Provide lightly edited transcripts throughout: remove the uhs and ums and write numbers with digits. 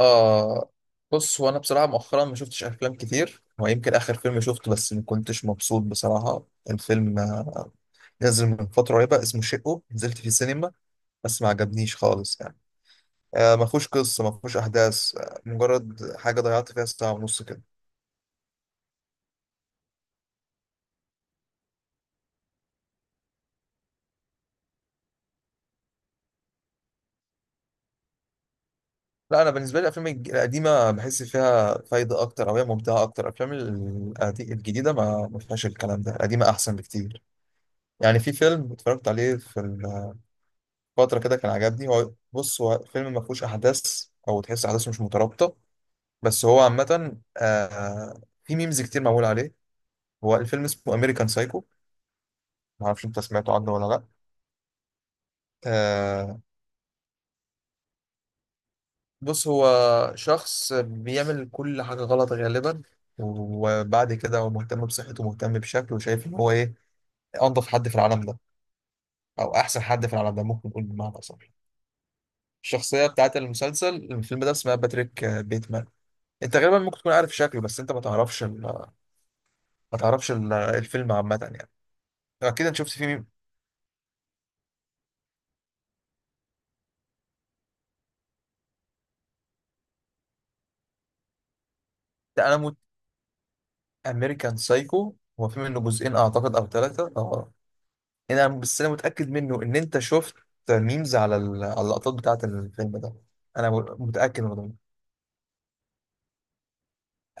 آه. بص، هو أنا بصراحة مؤخرا ما شفتش أفلام كتير. هو يمكن آخر فيلم شفته، بس ما كنتش مبسوط بصراحة. الفيلم نزل من فترة قريبة، اسمه شقه، نزلت في السينما، بس ما عجبنيش خالص يعني. ما فيهوش قصة، ما فيهوش أحداث، مجرد حاجة ضيعت فيها ساعة ونص كده. لا، أنا بالنسبة لي الأفلام القديمة بحس فيها فايدة أكتر، أو هي ممتعة أكتر. الأفلام الجديدة ما فيهاش الكلام ده، القديمة أحسن بكتير. يعني في فيلم اتفرجت عليه في فترة كده كان عجبني. هو بص، هو فيلم ما فيهوش أحداث، أو تحس أحداثه مش مترابطة، بس هو عامة، في ميمز كتير معمول عليه. هو الفيلم اسمه أمريكان سايكو. ما اعرفش انت سمعته عنه ولا لا. آه. بص، هو شخص بيعمل كل حاجة غلط غالبا، وبعد كده هو مهتم بصحته ومهتم بشكله، وشايف ان هو ايه، انضف حد في العالم ده، او احسن حد في العالم ده، ممكن نقول بمعنى اصح. الشخصية بتاعت المسلسل، الفيلم ده، اسمها باتريك بيتمان. انت غالبا ممكن تكون عارف شكله، بس انت ما تعرفش، ما تعرفش الفيلم عامة يعني. أكيد أنت شفت فيه مين؟ ده أنا موت. أمريكان سايكو، هو في منه جزئين أعتقد أو ثلاثة أنا بس أنا متأكد منه إن أنت شفت ميمز على على اللقطات بتاعة الفيلم ده. أنا متأكد من ده.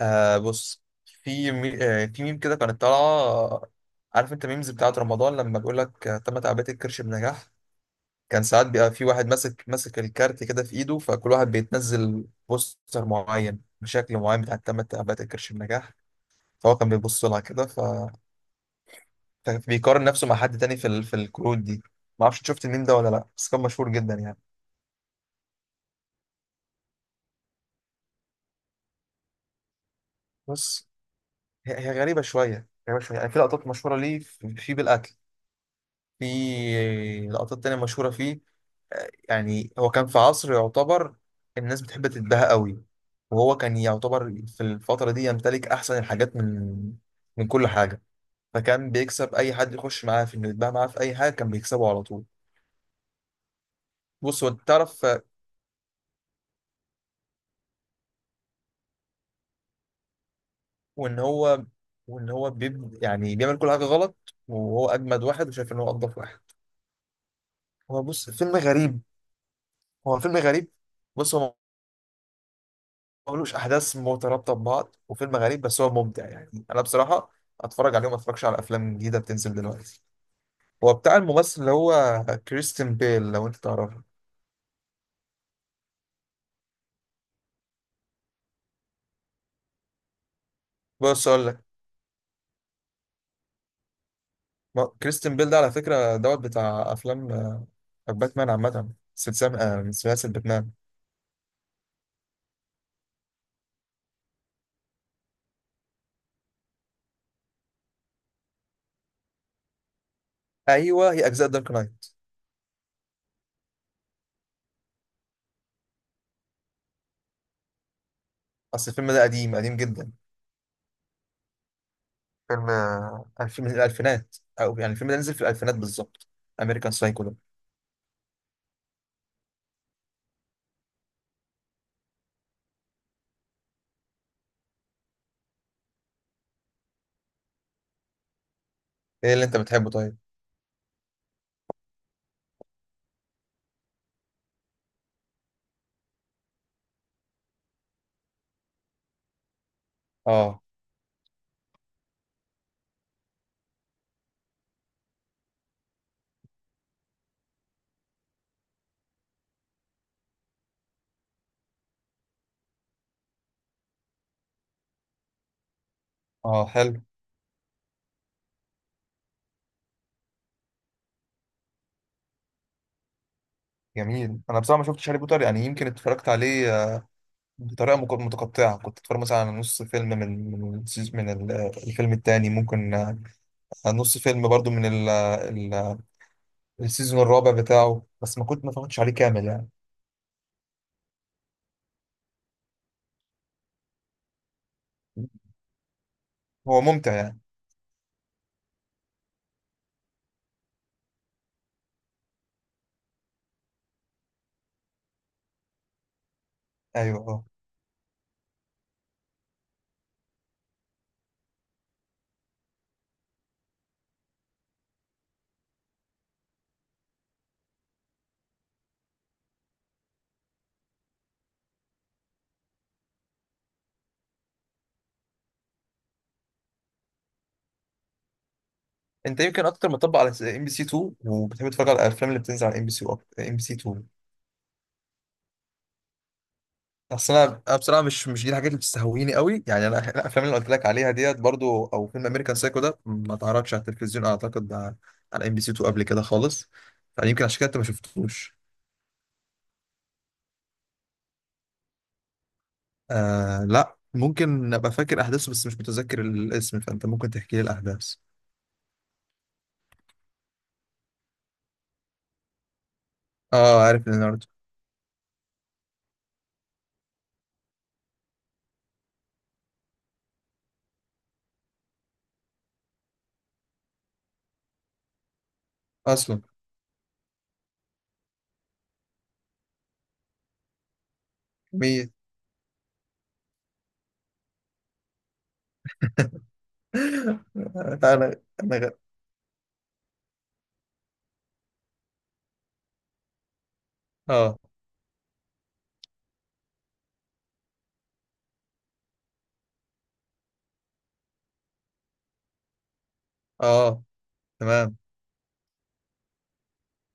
آه، بص. في مي... آه في ميم كده كانت طالعة، عارف أنت ميمز بتاعة رمضان لما بيقول لك، تم تعبئة الكرش بنجاح. كان ساعات بيبقى في واحد ماسك الكارت كده في إيده، فكل واحد بيتنزل بوستر معين بشكل معين بتاع تم تعبئة الكرش بنجاح. فهو كان بيبص لها كده، ف كان بيقارن نفسه مع حد تاني في الكروت دي. ما اعرفش شفت الميم ده ولا لا، بس كان مشهور جدا يعني. بس هي غريبة شوية، غريبة شوية، يعني في لقطات مشهورة ليه في بالأكل، في لقطات تانية مشهورة فيه. يعني هو كان في عصر يعتبر الناس بتحب تتباهى قوي، وهو كان يعتبر في الفترة دي يمتلك أحسن الحاجات من كل حاجة. فكان بيكسب أي حد يخش معاه في إنه يتباهى معاه في أي حاجة، كان بيكسبه على طول. بص هو، أنت تعرف، وان هو وان هو يعني بيعمل كل حاجه غلط، وهو اجمد واحد وشايف ان هو انضف واحد. هو بص، فيلم غريب. هو فيلم غريب. بص هو ملوش احداث مترابطه ببعض، وفيلم غريب، بس هو ممتع يعني. انا بصراحه اتفرج عليه وما اتفرجش على افلام جديده بتنزل دلوقتي. هو بتاع الممثل اللي هو كريستين بيل، لو انت تعرفه. بص اقول لك، كريستين بيل ده على فكره دوت بتاع افلام، باتمان عامه، سلسله، من سلاسل باتمان. ايوه، هي اجزاء دارك نايت. اصل الفيلم ده قديم قديم جدا. فيلم الفيلم من الألفينات، أو يعني الفيلم ده نزل في الألفينات بالظبط، أمريكان سايكو ده. إيه اللي أنت بتحبه طيب؟ آه. آه، حلو. جميل. أنا بصراحة ما شفتش هاري بوتر، يعني يمكن اتفرجت عليه، بطريقة متقطعة. كنت اتفرج مثلا على نص فيلم من الفيلم التاني ممكن، على نص فيلم برضو من السيزون الرابع بتاعه، بس ما كنت ما اتفرجتش عليه كامل يعني. هو ممتع يعني. ايوه، اه. انت يمكن اكتر مطبق على ام بي سي 2، وبتحب تتفرج على الافلام اللي بتنزل على ام بي سي، ام بي سي 2. اصل انا بصراحه مش دي الحاجات اللي بتستهويني قوي يعني. انا الافلام اللي قلت لك عليها ديت برضو، او فيلم امريكان سايكو ده، ما اتعرضش على التلفزيون اعتقد، على ام بي سي 2 قبل كده خالص. فيمكن عشان كده انت ما شفتوش. آه. لا، ممكن ابقى فاكر احداثه، بس مش متذكر الاسم، فانت ممكن تحكي لي الاحداث. اه، عارف ليوناردو. اصلا مين؟ لا انا. انا غ... اه. اه. تمام.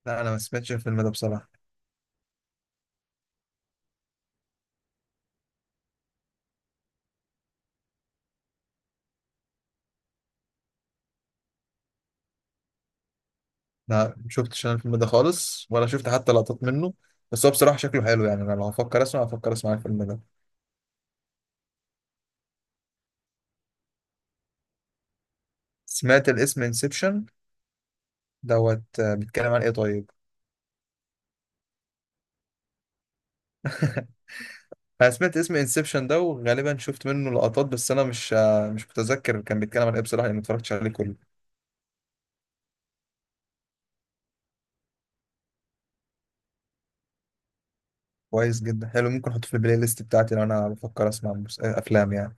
لا، انا ما سمعتش الفيلم ده بصراحه. لا شفتش انا الفيلم ده خالص، ولا شفت حتى لقطات منه، بس هو بصراحة شكله حلو. يعني انا لو هفكر اسمع، هفكر اسمع الفيلم ده. سمعت الاسم انسبشن دوت، بيتكلم عن ايه طيب؟ انا سمعت اسم انسبشن ده، وغالبا شفت منه لقطات، بس انا مش متذكر كان بيتكلم عن ايه بصراحة، لان ما اتفرجتش عليه كله. كويس جدا، حلو. ممكن احطه في البلاي ليست بتاعتي، لو انا بفكر اسمع افلام يعني.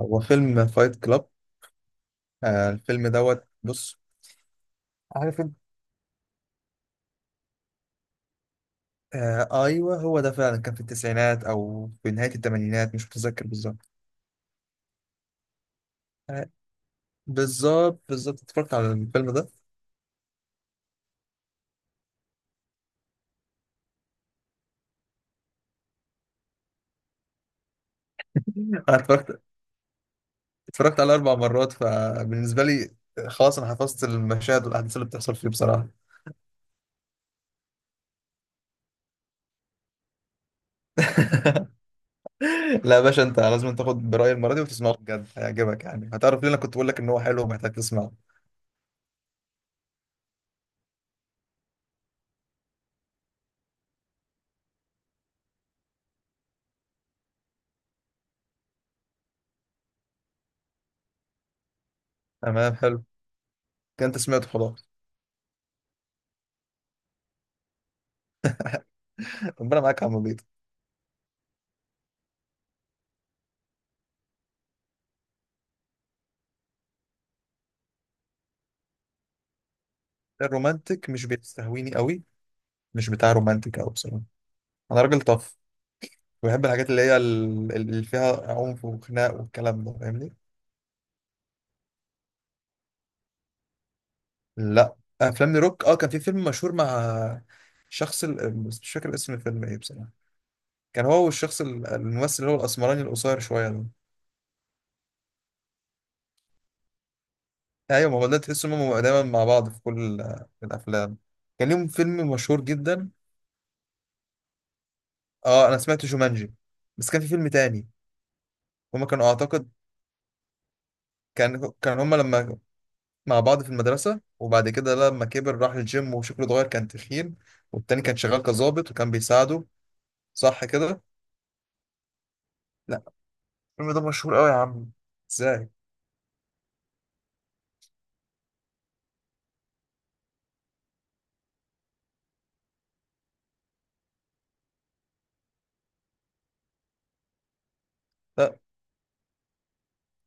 هو فيلم فايت كلاب، الفيلم دوت. بص. عارف انت. آه، ايوه، هو ده فعلا كان في التسعينات او في نهايه الثمانينات، مش متذكر بالظبط. بالظبط، بالظبط، اتفرجت على الفيلم ده. انا اتفرجت عليه اربع مرات، فبالنسبه لي، خلاص، انا حفظت المشاهد والاحداث اللي بتحصل فيه بصراحه. لا يا باشا، انت لازم تاخد برايي المره دي، وتسمعه بجد، هيعجبك. يعني هتعرف ليه انا كنت بقول لك ان هو حلو، ومحتاج تسمعه. تمام، حلو. كده انت سمعته خلاص. ربنا معاك يا عم بيض. الرومانتك مش بيستهويني قوي، مش بتاع رومانتك قوي بصراحه. انا راجل طف. بحب الحاجات اللي هي اللي فيها عنف وخناق والكلام ده، فاهمني. لا، افلام لروك. اه، كان في فيلم مشهور مع شخص بس مش فاكر اسم الفيلم ايه بصراحه. كان هو والشخص الممثل اللي هو الاسمراني القصير شويه ده. ايوه، ما هو ده تحس انهم دايما مع بعض في كل الافلام. كان ليهم فيلم مشهور جدا. اه، انا سمعت جومانجي، بس كان في فيلم تاني. هما كانوا اعتقد. كان هما لما مع بعض في المدرسه، وبعد كده لما كبر راح الجيم وشكله اتغير، كان تخين، والتاني كان شغال كظابط وكان بيساعده. صح كده؟ لا، الفيلم ده مشهور قوي يا عم. ازاي.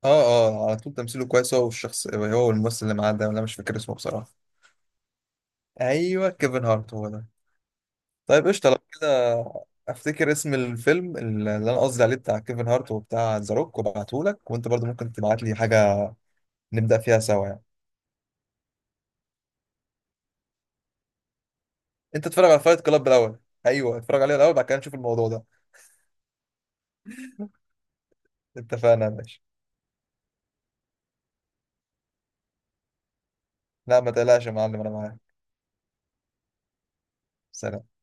اه، اه، على طول تمثيله كويس، هو والشخص، هو والممثل اللي معاه ده، ولا مش فاكر اسمه بصراحة. ايوه، كيفن هارت هو ده. طيب قشطة، لو كده افتكر اسم الفيلم اللي انا قصدي عليه بتاع كيفن هارت وبتاع ذا روك، وابعتهولك. وانت برضو ممكن تبعت لي حاجة، نبدأ فيها سوا يعني. انت اتفرج على فايت كلاب الاول. ايوه، اتفرج عليه الاول، بعد كده نشوف الموضوع ده. اتفقنا يا باشا. لا ما تقلقش يا معلم، انا معاك. سلام.